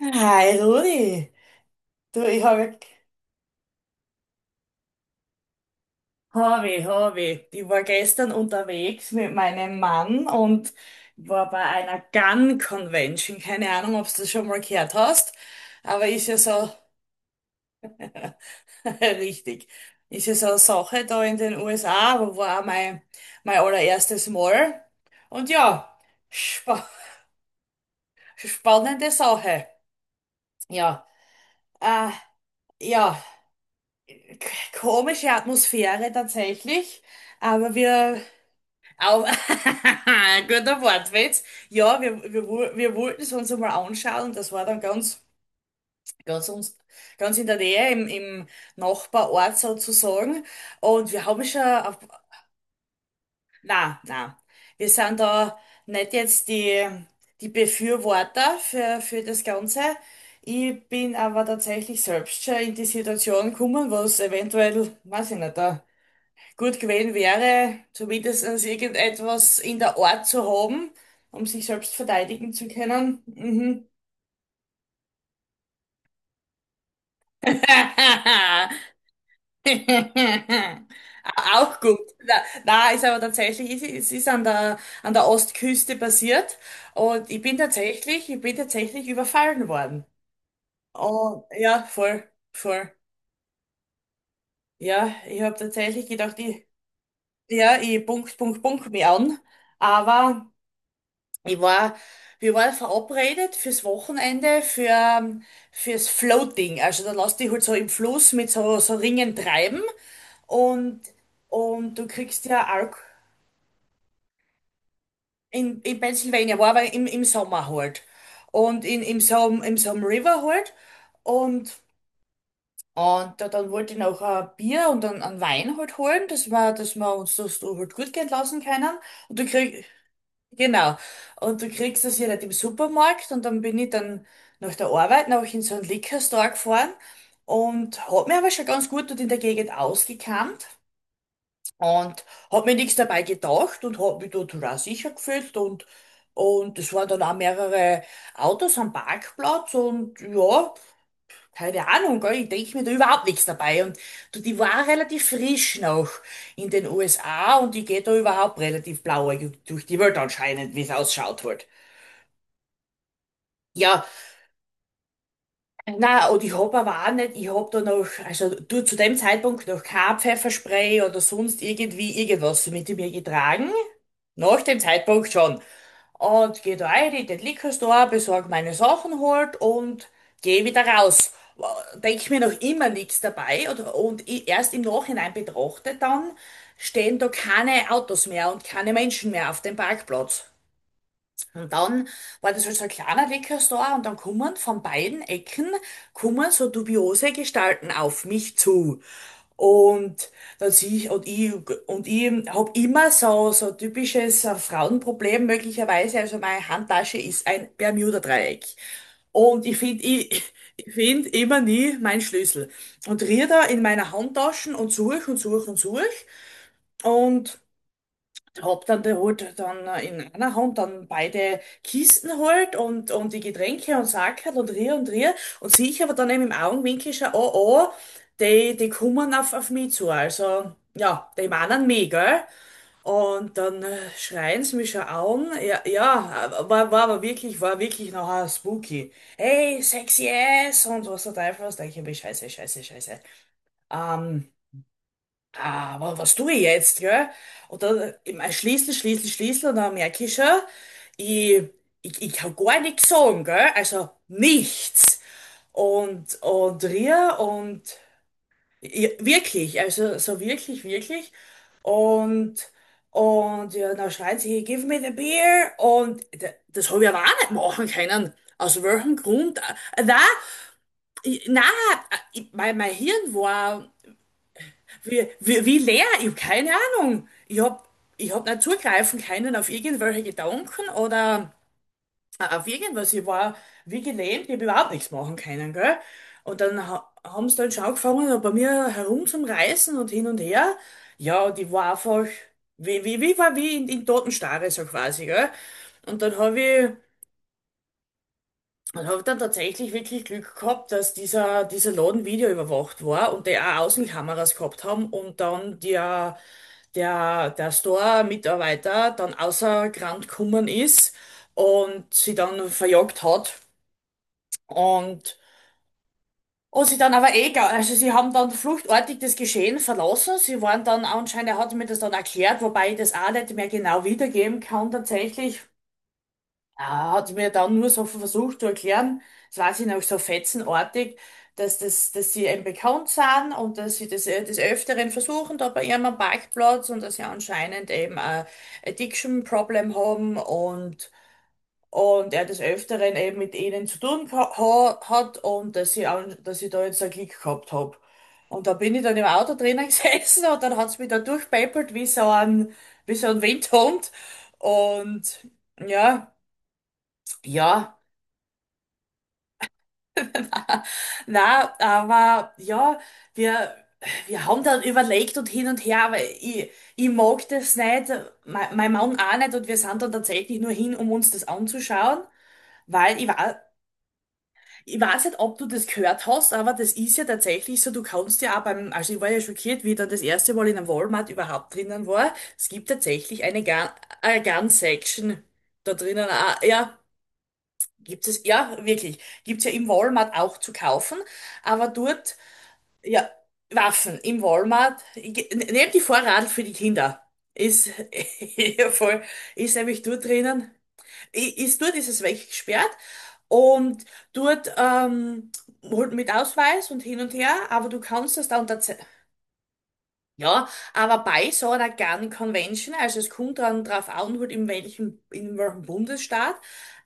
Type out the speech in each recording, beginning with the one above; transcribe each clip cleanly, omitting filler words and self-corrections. Hi Rudi, du, ich habe Hobby. Ich war gestern unterwegs mit meinem Mann und war bei einer Gun Convention. Keine Ahnung, ob du das schon mal gehört hast, aber ist ja so richtig. Ist ja so eine Sache da in den USA, aber war auch mein allererstes Mal. Und ja, spa spannende Sache. Ja, äh, ja, komische Atmosphäre tatsächlich, aber wir Auf, guter Wortwitz. Ja, wir wollten es uns einmal anschauen. Das war dann ganz, uns, ganz in der Nähe, im Nachbarort sozusagen. Und wir haben schon, auf, na, na, wir sind da nicht jetzt die Befürworter für das Ganze. Ich bin aber tatsächlich selbst schon in die Situation gekommen, was eventuell, weiß ich nicht, da gut gewesen wäre, zumindest irgendetwas in der Art zu haben, um sich selbst verteidigen zu können. Mhm. Auch gut. Na, na, ist aber tatsächlich, ist an der Ostküste passiert und ich bin tatsächlich überfallen worden. Oh, ja, voll, voll. Ja, ich habe tatsächlich gedacht, ich, ja, ich Punkt, Punkt, Punkt mich an, aber ich war, wir waren verabredet fürs Wochenende für, fürs Floating. Also dann lass dich halt so im Fluss mit so Ringen treiben und, und du kriegst ja Alk in Pennsylvania, war aber im Sommer halt. Und in so, in so einem River halt. Und, und da, dann wollte ich noch ein Bier und dann einen Wein halt holen, dass wir uns das so halt gut gehen lassen können. Und du krieg, Genau. Und du kriegst das ja nicht im Supermarkt und dann bin ich dann nach der Arbeit noch in so einen Liquor Store gefahren und hab mir aber schon ganz gut dort in der Gegend ausgekannt und hab mir nichts dabei gedacht und hab mich dort auch sicher gefühlt und es waren dann auch mehrere Autos am Parkplatz und ja, keine Ahnung, gell, ich denke mir da überhaupt nichts dabei. Und du, die war relativ frisch noch in den USA und die geht da überhaupt relativ blauäugig durch die Welt anscheinend, wie es ausschaut halt. Ja, na und ich hab aber auch nicht, ich hab da noch, also du zu dem Zeitpunkt noch kein Pfefferspray oder sonst irgendwie irgendwas mit mir getragen. Nach dem Zeitpunkt schon. Und geh da rein in den Liquor Store, besorg meine Sachen halt und geh wieder raus. Denk mir noch immer nichts dabei oder, und erst im Nachhinein betrachte dann, stehen da keine Autos mehr und keine Menschen mehr auf dem Parkplatz. Und dann war das halt so ein kleiner Weckerstar und dann kommen von beiden Ecken kommen so dubiose Gestalten auf mich zu. Und dann sehe ich, und ich, und ich habe immer so, so typisches Frauenproblem möglicherweise. Also meine Handtasche ist ein Bermuda-Dreieck. Und ich finde immer nie meinen Schlüssel. Und rier da in meiner Handtasche und suche und suche und suche. Und hab dann da halt dann in einer Hand dann beide Kisten halt und die Getränke und Sackerl und rier und rier und sehe ich aber dann eben im Augenwinkel schon, oh, oh, die kommen auf mich zu, also, ja, die meinen mich, gell? Und dann schreien sie mich schon an, ja, ja, war aber wirklich, war wirklich nachher spooky. Hey, sexy ass und was der Teufel was, denke ich mir, scheiße, scheiße, scheiße. Ähm, Ah, was tue ich jetzt, gell? Oder ich mein, schließe und dann merke ich schon, ich, ich kann gar nichts sagen, gell? Also nichts. Und Ria und ja, wirklich, also so wirklich, wirklich. Und, und ja, dann schreien sie, "Hey, give me the beer." Und das habe ich aber auch nicht machen können. Aus welchem Grund? Na, na, mein Hirn war. Wie, wie, wie leer? Ich habe keine Ahnung. Ich hab nicht zugreifen können auf irgendwelche Gedanken oder auf irgendwas. Ich war wie gelähmt, ich habe überhaupt nichts machen können, gell? Und dann ha haben sie dann schon angefangen, bei mir herum zum Reißen und hin und her. Ja, die war einfach, wie war wie in Totenstarre so quasi, gell? Und dann habe ich und habe dann tatsächlich wirklich Glück gehabt, dass dieser Laden videoüberwacht war und die auch Außenkameras gehabt haben und dann der Store-Mitarbeiter dann außer Rand gekommen ist und sie dann verjagt hat. Und, und sie dann aber egal, also sie haben dann fluchtartig das Geschehen verlassen. Sie waren dann anscheinend, er hat mir das dann erklärt, wobei ich das auch nicht mehr genau wiedergeben kann tatsächlich. Ja, hat mir dann nur so versucht zu erklären, das weiß ich noch so fetzenartig, dass sie eben bekannt sind und dass sie das des Öfteren versuchen, da bei ihrem am Parkplatz und dass sie anscheinend eben ein Addiction-Problem haben und er des Öfteren eben mit ihnen zu tun ha hat und dass ich, dass ich da jetzt einen Klick gehabt hab. Und da bin ich dann im Auto drinnen gesessen und dann hat's mich da durchpäppelt wie so ein Windhund und ja, ja. Na, aber ja, wir, wir haben dann überlegt und hin und her, aber ich mag das nicht, mein Mann auch nicht und wir sind dann tatsächlich nur hin, um uns das anzuschauen, weil ich war, ich weiß nicht, ob du das gehört hast, aber das ist ja tatsächlich so, du kannst ja auch beim, also ich war ja schockiert, wie ich dann das erste Mal in einem Walmart überhaupt drinnen war. Es gibt tatsächlich eine Gun Section da drinnen, auch. Ja, gibt es, ja, wirklich, gibt's ja im Walmart auch zu kaufen. Aber dort ja, Waffen im Walmart. Nehmt die Vorrat für die Kinder. Ist ja, voll, ist nämlich dort drinnen. Ist dort ist es weggesperrt und dort holt mit Ausweis und hin und her, aber du kannst das dann tats ja, aber bei so einer Gun Convention, also es kommt dann drauf an, halt in welchem Bundesstaat,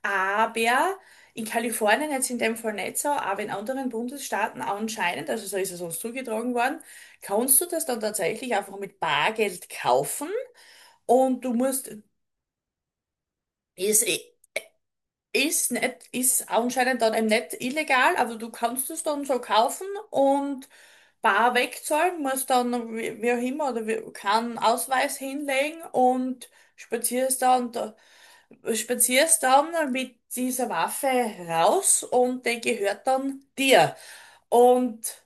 aber in Kalifornien jetzt in dem Fall nicht so, aber in anderen Bundesstaaten anscheinend, also so ist es uns zugetragen worden, kannst du das dann tatsächlich einfach mit Bargeld kaufen und du musst, ist, eh ist nicht, ist anscheinend dann eben nicht illegal, aber du kannst es dann so kaufen und bar wegzahlen, musst dann wie, wie auch immer oder wie, keinen Ausweis hinlegen und spazierst dann mit dieser Waffe raus und die gehört dann dir. Und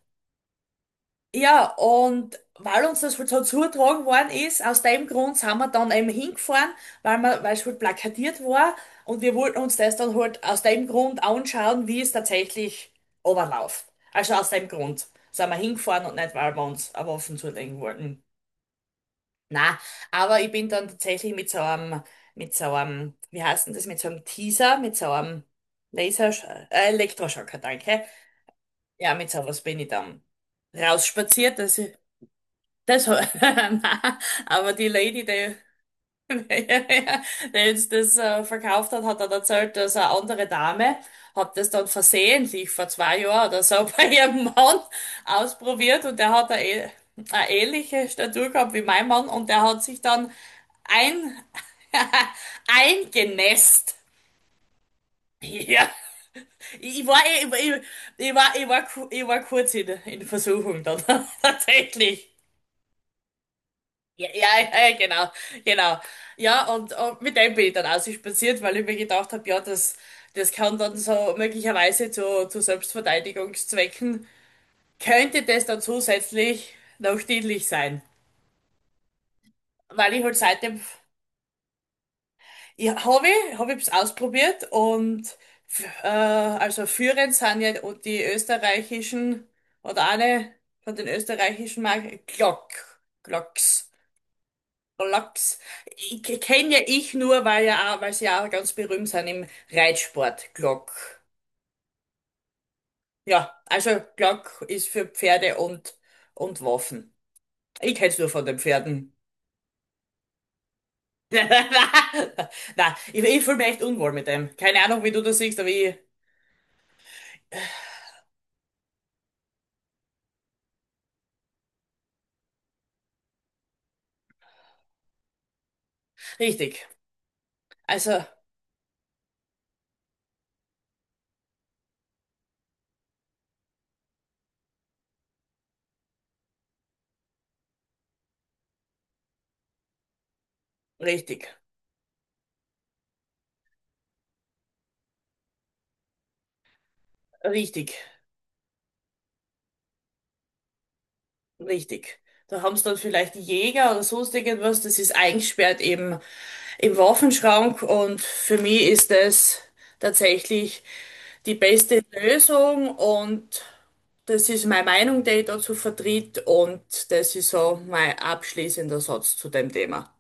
ja, und weil uns das halt so zugetragen worden ist, aus dem Grund sind wir dann eben hingefahren, weil es halt plakatiert war und wir wollten uns das dann halt aus dem Grund anschauen, wie es tatsächlich runterläuft. Also aus dem Grund sind wir hingefahren und nicht, weil wir uns eine Waffen zulegen wollten. Na, aber ich bin dann tatsächlich mit so einem, wie heißt denn das, mit so einem Teaser, mit so einem Laser, Elektroschocker, danke. Ja, mit sowas bin ich dann rausspaziert. Das, nein, aber die uns das verkauft hat, hat dann erzählt, dass eine andere Dame hat das dann versehentlich vor zwei Jahren oder so bei ihrem Mann ausprobiert und der hat eine ähnliche Statur gehabt wie mein Mann und der hat sich dann ein, eingenässt. Ja. Ich war, ich, ich, ich war, ich war kurz in Versuchung dann, tatsächlich. Ja, ja, ja, genau, genau. Ja, und mit dem bin ich dann auch so spaziert, weil ich mir gedacht habe, ja, das kann dann so möglicherweise zu Selbstverteidigungszwecken, könnte das dann zusätzlich noch dienlich sein. Weil ich halt seitdem, ja, habe ich es ausprobiert und also führend sind ja die österreichischen, oder eine von den österreichischen Marken, Glocks. Lachs kenne ja ich nur, weil ja, auch- weil sie ja auch ganz berühmt sind im Reitsport, Glock. Ja, also Glock ist für Pferde und Waffen. Ich kenn's nur von den Pferden. Na, ich fühle mich echt unwohl mit dem. Keine Ahnung, wie du das siehst, aber ich. Richtig. Also, richtig. Richtig. Richtig. Da haben sie dann vielleicht Jäger oder sonst irgendwas, das ist eingesperrt im Waffenschrank und für mich ist das tatsächlich die beste Lösung und das ist meine Meinung, die ich dazu vertrete und das ist so mein abschließender Satz zu dem Thema.